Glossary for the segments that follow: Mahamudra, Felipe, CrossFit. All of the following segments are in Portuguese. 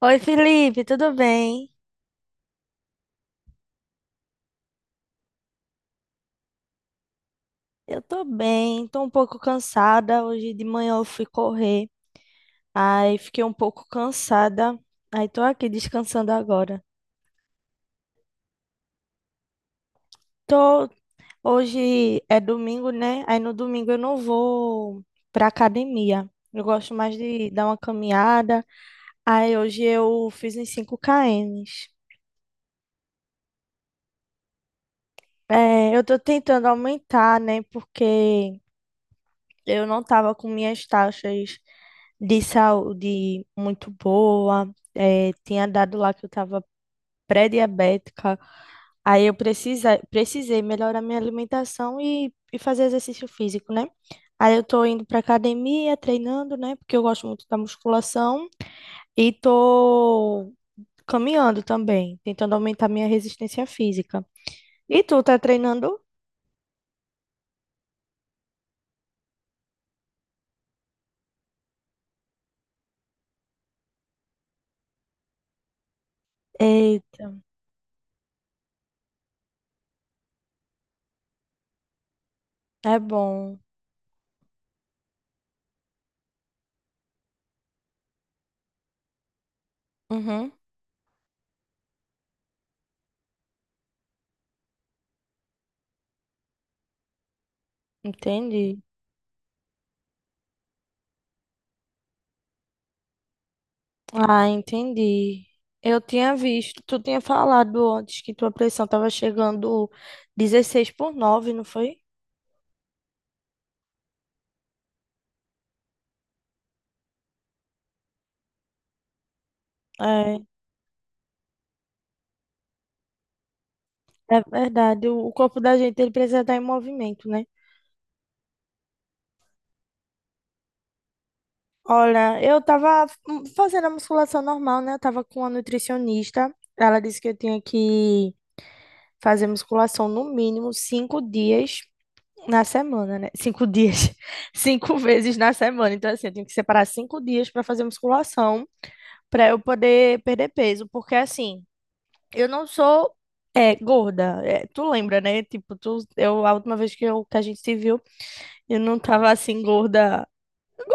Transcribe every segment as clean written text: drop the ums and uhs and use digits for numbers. Oi, Felipe, tudo bem? Eu tô bem, tô um pouco cansada. Hoje de manhã eu fui correr, aí fiquei um pouco cansada, aí tô aqui descansando agora. Tô. Hoje é domingo, né? Aí no domingo eu não vou pra academia. Eu gosto mais de dar uma caminhada. Aí hoje eu fiz uns 5 km. É, eu tô tentando aumentar, né? Porque eu não estava com minhas taxas de saúde muito boa, tinha dado lá que eu estava pré-diabética. Aí eu precisei melhorar minha alimentação e fazer exercício físico, né? Aí eu tô indo pra academia, treinando, né? Porque eu gosto muito da musculação e tô caminhando também, tentando aumentar minha resistência física. E tu tá treinando? Eita, é bom. Uhum, entendi. Ah, entendi. Eu tinha visto, tu tinha falado antes que tua pressão tava chegando 16 por 9, não foi? É, é verdade. O corpo da gente, ele precisa estar em movimento, né? Olha, eu tava fazendo a musculação normal, né? Eu tava com a nutricionista. Ela disse que eu tinha que fazer musculação no mínimo 5 dias na semana, né? 5 dias. Cinco vezes na semana. Então, assim, eu tenho que separar 5 dias para fazer musculação, para eu poder perder peso. Porque, assim, eu não sou é, gorda. É, tu lembra, né? Tipo, tu, eu, a última vez que, eu, que a gente se viu, eu não tava assim, gorda.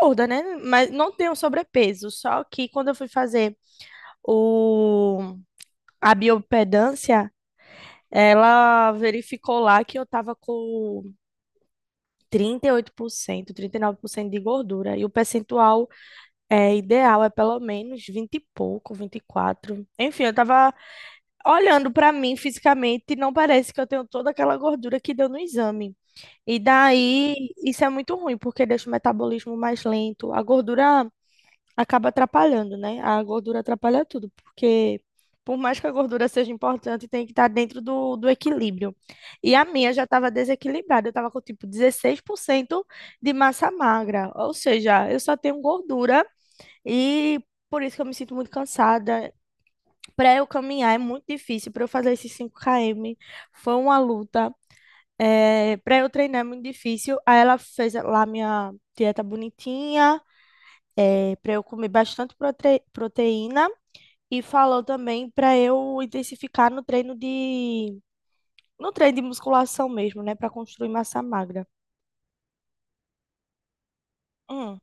Gorda, né? Mas não tenho sobrepeso. Só que quando eu fui fazer o, a biopedância, ela verificou lá que eu tava com trinta e oito por cento, 39% de gordura. E o percentual é ideal, é pelo menos 20 e pouco, 24. Enfim, eu tava olhando pra mim fisicamente e não parece que eu tenho toda aquela gordura que deu no exame. E daí, isso é muito ruim, porque deixa o metabolismo mais lento. A gordura acaba atrapalhando, né? A gordura atrapalha tudo, porque por mais que a gordura seja importante, tem que estar dentro do equilíbrio. E a minha já estava desequilibrada, eu estava com tipo 16% de massa magra, ou seja, eu só tenho gordura e por isso que eu me sinto muito cansada. Para eu caminhar é muito difícil, para eu fazer esses 5 km foi uma luta. É, para eu treinar é muito difícil. Aí ela fez lá minha dieta bonitinha, para eu comer bastante proteína e falou também para eu intensificar no treino de musculação mesmo, né, para construir massa magra. Hum.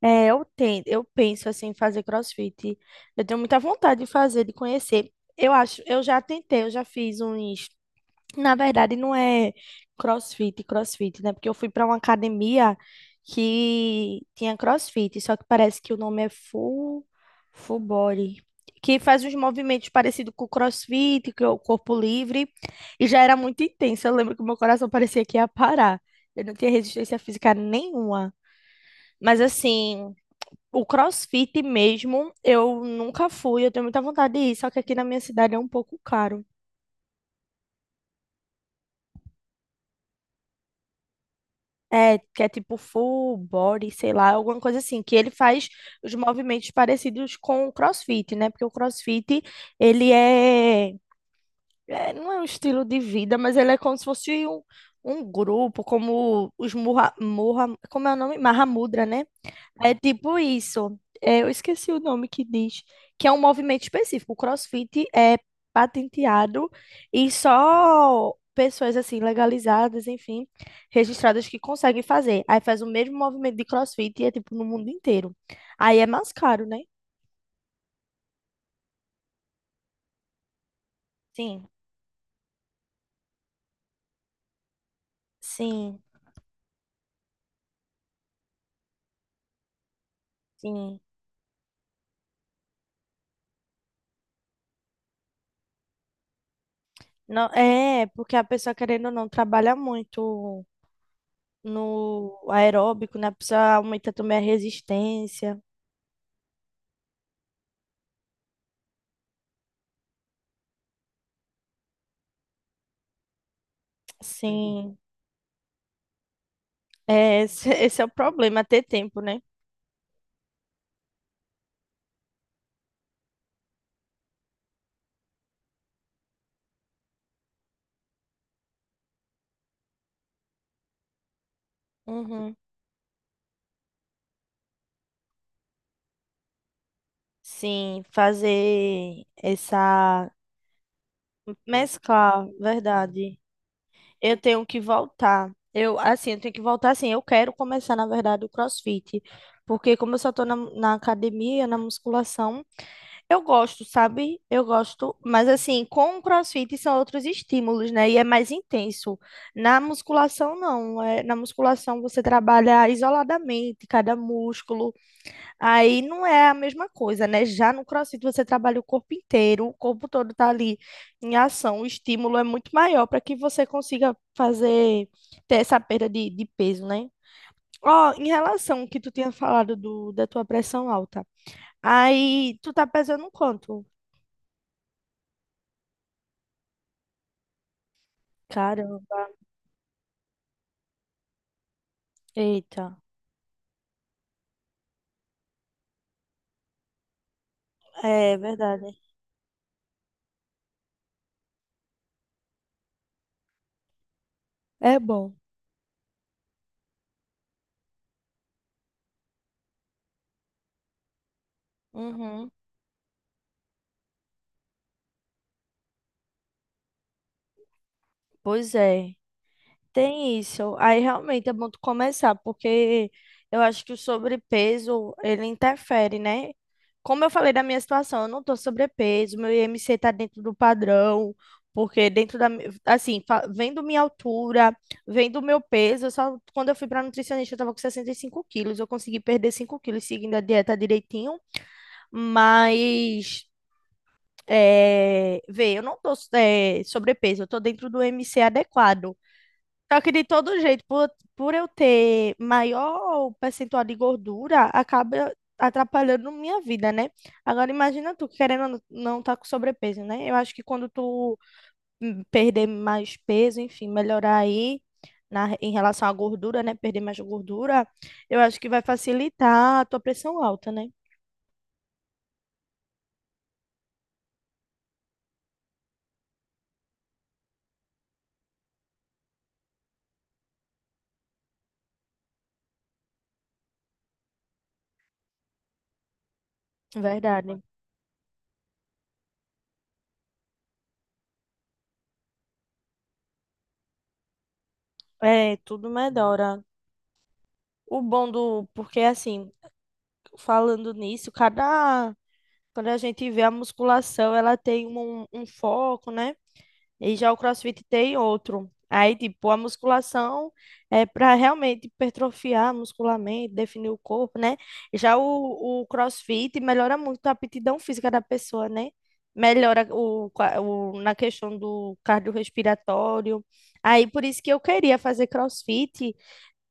É, eu penso assim em fazer CrossFit. Eu tenho muita vontade de fazer, de conhecer. Eu acho, eu já tentei, eu já fiz uns Na verdade, não é CrossFit, CrossFit, né? Porque eu fui para uma academia que tinha CrossFit, só que parece que o nome é Full Body, que faz uns movimentos parecidos com o CrossFit, que é o corpo livre, e já era muito intenso. Eu lembro que o meu coração parecia que ia parar. Eu não tinha resistência física nenhuma. Mas assim, o CrossFit mesmo, eu nunca fui, eu tenho muita vontade de ir, só que aqui na minha cidade é um pouco caro. É, que é tipo full body, sei lá, alguma coisa assim, que ele faz os movimentos parecidos com o CrossFit, né? Porque o CrossFit, ele é, não é um estilo de vida, mas ele é como se fosse um grupo, como os Murra, Murra, como é o nome? Mahamudra, né? É tipo isso. É, eu esqueci o nome que diz, que é um movimento específico. O CrossFit é patenteado e só pessoas assim legalizadas, enfim, registradas que conseguem fazer. Aí faz o mesmo movimento de CrossFit e é tipo no mundo inteiro. Aí é mais caro, né? Sim, sim, sim. Não, é, porque a pessoa querendo ou não trabalha muito no aeróbico, né? A pessoa aumenta também a resistência. Sim. É, esse, esse é o problema, ter tempo, né? Uhum. Sim, fazer essa. Mesclar, verdade. Eu tenho que voltar. Eu, assim, eu tenho que voltar, assim, eu quero começar, na verdade, o CrossFit. Porque como eu só tô na academia, na musculação, eu gosto, sabe? Eu gosto, mas assim, com o CrossFit são outros estímulos, né? E é mais intenso. Na musculação, não. É, na musculação você trabalha isoladamente, cada músculo. Aí não é a mesma coisa, né? Já no CrossFit você trabalha o corpo inteiro, o corpo todo tá ali em ação, o estímulo é muito maior para que você consiga fazer, ter essa perda de peso, né? Ó, em relação ao que tu tinha falado do, da tua pressão alta, aí tu tá pesando quanto? Caramba, eita, é verdade. É bom. Uhum. Pois é. Tem isso. Aí realmente é bom tu começar, porque eu acho que o sobrepeso, ele interfere, né? Como eu falei da minha situação, eu não tô sobrepeso, meu IMC tá dentro do padrão, porque dentro da, assim, vendo minha altura, vendo meu peso, eu só quando eu fui pra nutricionista eu tava com 65 quilos, eu consegui perder 5 quilos seguindo a dieta direitinho, mas, é, vê, eu não tô, é, sobrepeso, eu tô dentro do IMC adequado. Só que de todo jeito, por eu ter maior percentual de gordura, acaba atrapalhando minha vida, né? Agora imagina tu querendo ou não não tá com sobrepeso, né? Eu acho que quando tu perder mais peso, enfim, melhorar aí na, em relação à gordura, né? Perder mais gordura, eu acho que vai facilitar a tua pressão alta, né? Verdade. É, tudo melhora. O bom do, porque assim, falando nisso, cada Quando a gente vê a musculação, ela tem um foco, né? E já o CrossFit tem outro. Aí, tipo, a musculação é para realmente hipertrofiar muscularmente, definir o corpo, né? Já o CrossFit melhora muito a aptidão física da pessoa, né? Melhora na questão do cardiorrespiratório. Aí, por isso que eu queria fazer CrossFit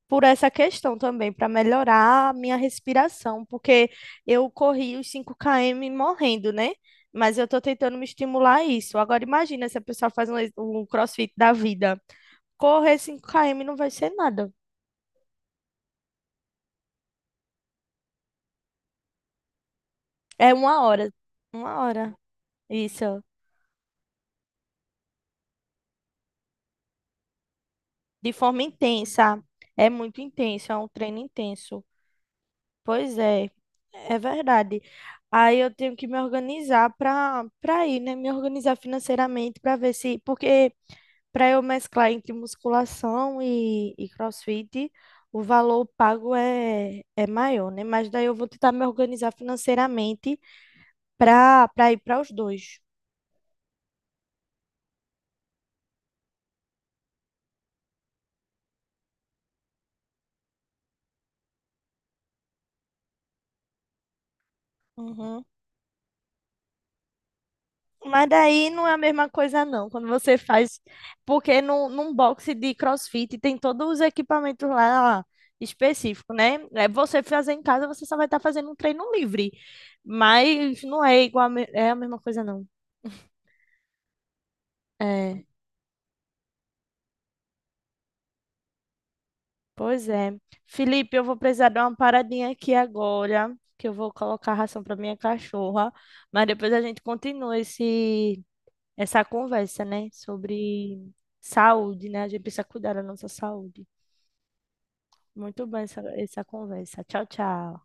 por essa questão também, para melhorar a minha respiração, porque eu corri os 5 km morrendo, né? Mas eu estou tentando me estimular a isso. Agora imagina se a pessoa faz um CrossFit da vida. Correr 5 km não vai ser nada. É uma hora. Uma hora. Isso. De forma intensa. É muito intenso, é um treino intenso. Pois é, é verdade. Aí eu tenho que me organizar para ir, né? Me organizar financeiramente para ver se. Porque Para eu mesclar entre musculação e CrossFit, o valor pago é maior, né? Mas daí eu vou tentar me organizar financeiramente para ir para os dois. Uhum. Mas daí não é a mesma coisa, não, quando você faz. Porque no, num boxe de CrossFit tem todos os equipamentos lá específicos, né? É, você fazer em casa, você só vai estar fazendo um treino livre. Mas não é igual, é a mesma coisa, não. É. Pois é. Felipe, eu vou precisar dar uma paradinha aqui agora, que eu vou colocar a ração para minha cachorra, mas depois a gente continua esse essa conversa, né, sobre saúde, né? A gente precisa cuidar da nossa saúde. Muito bem essa conversa. Tchau, tchau.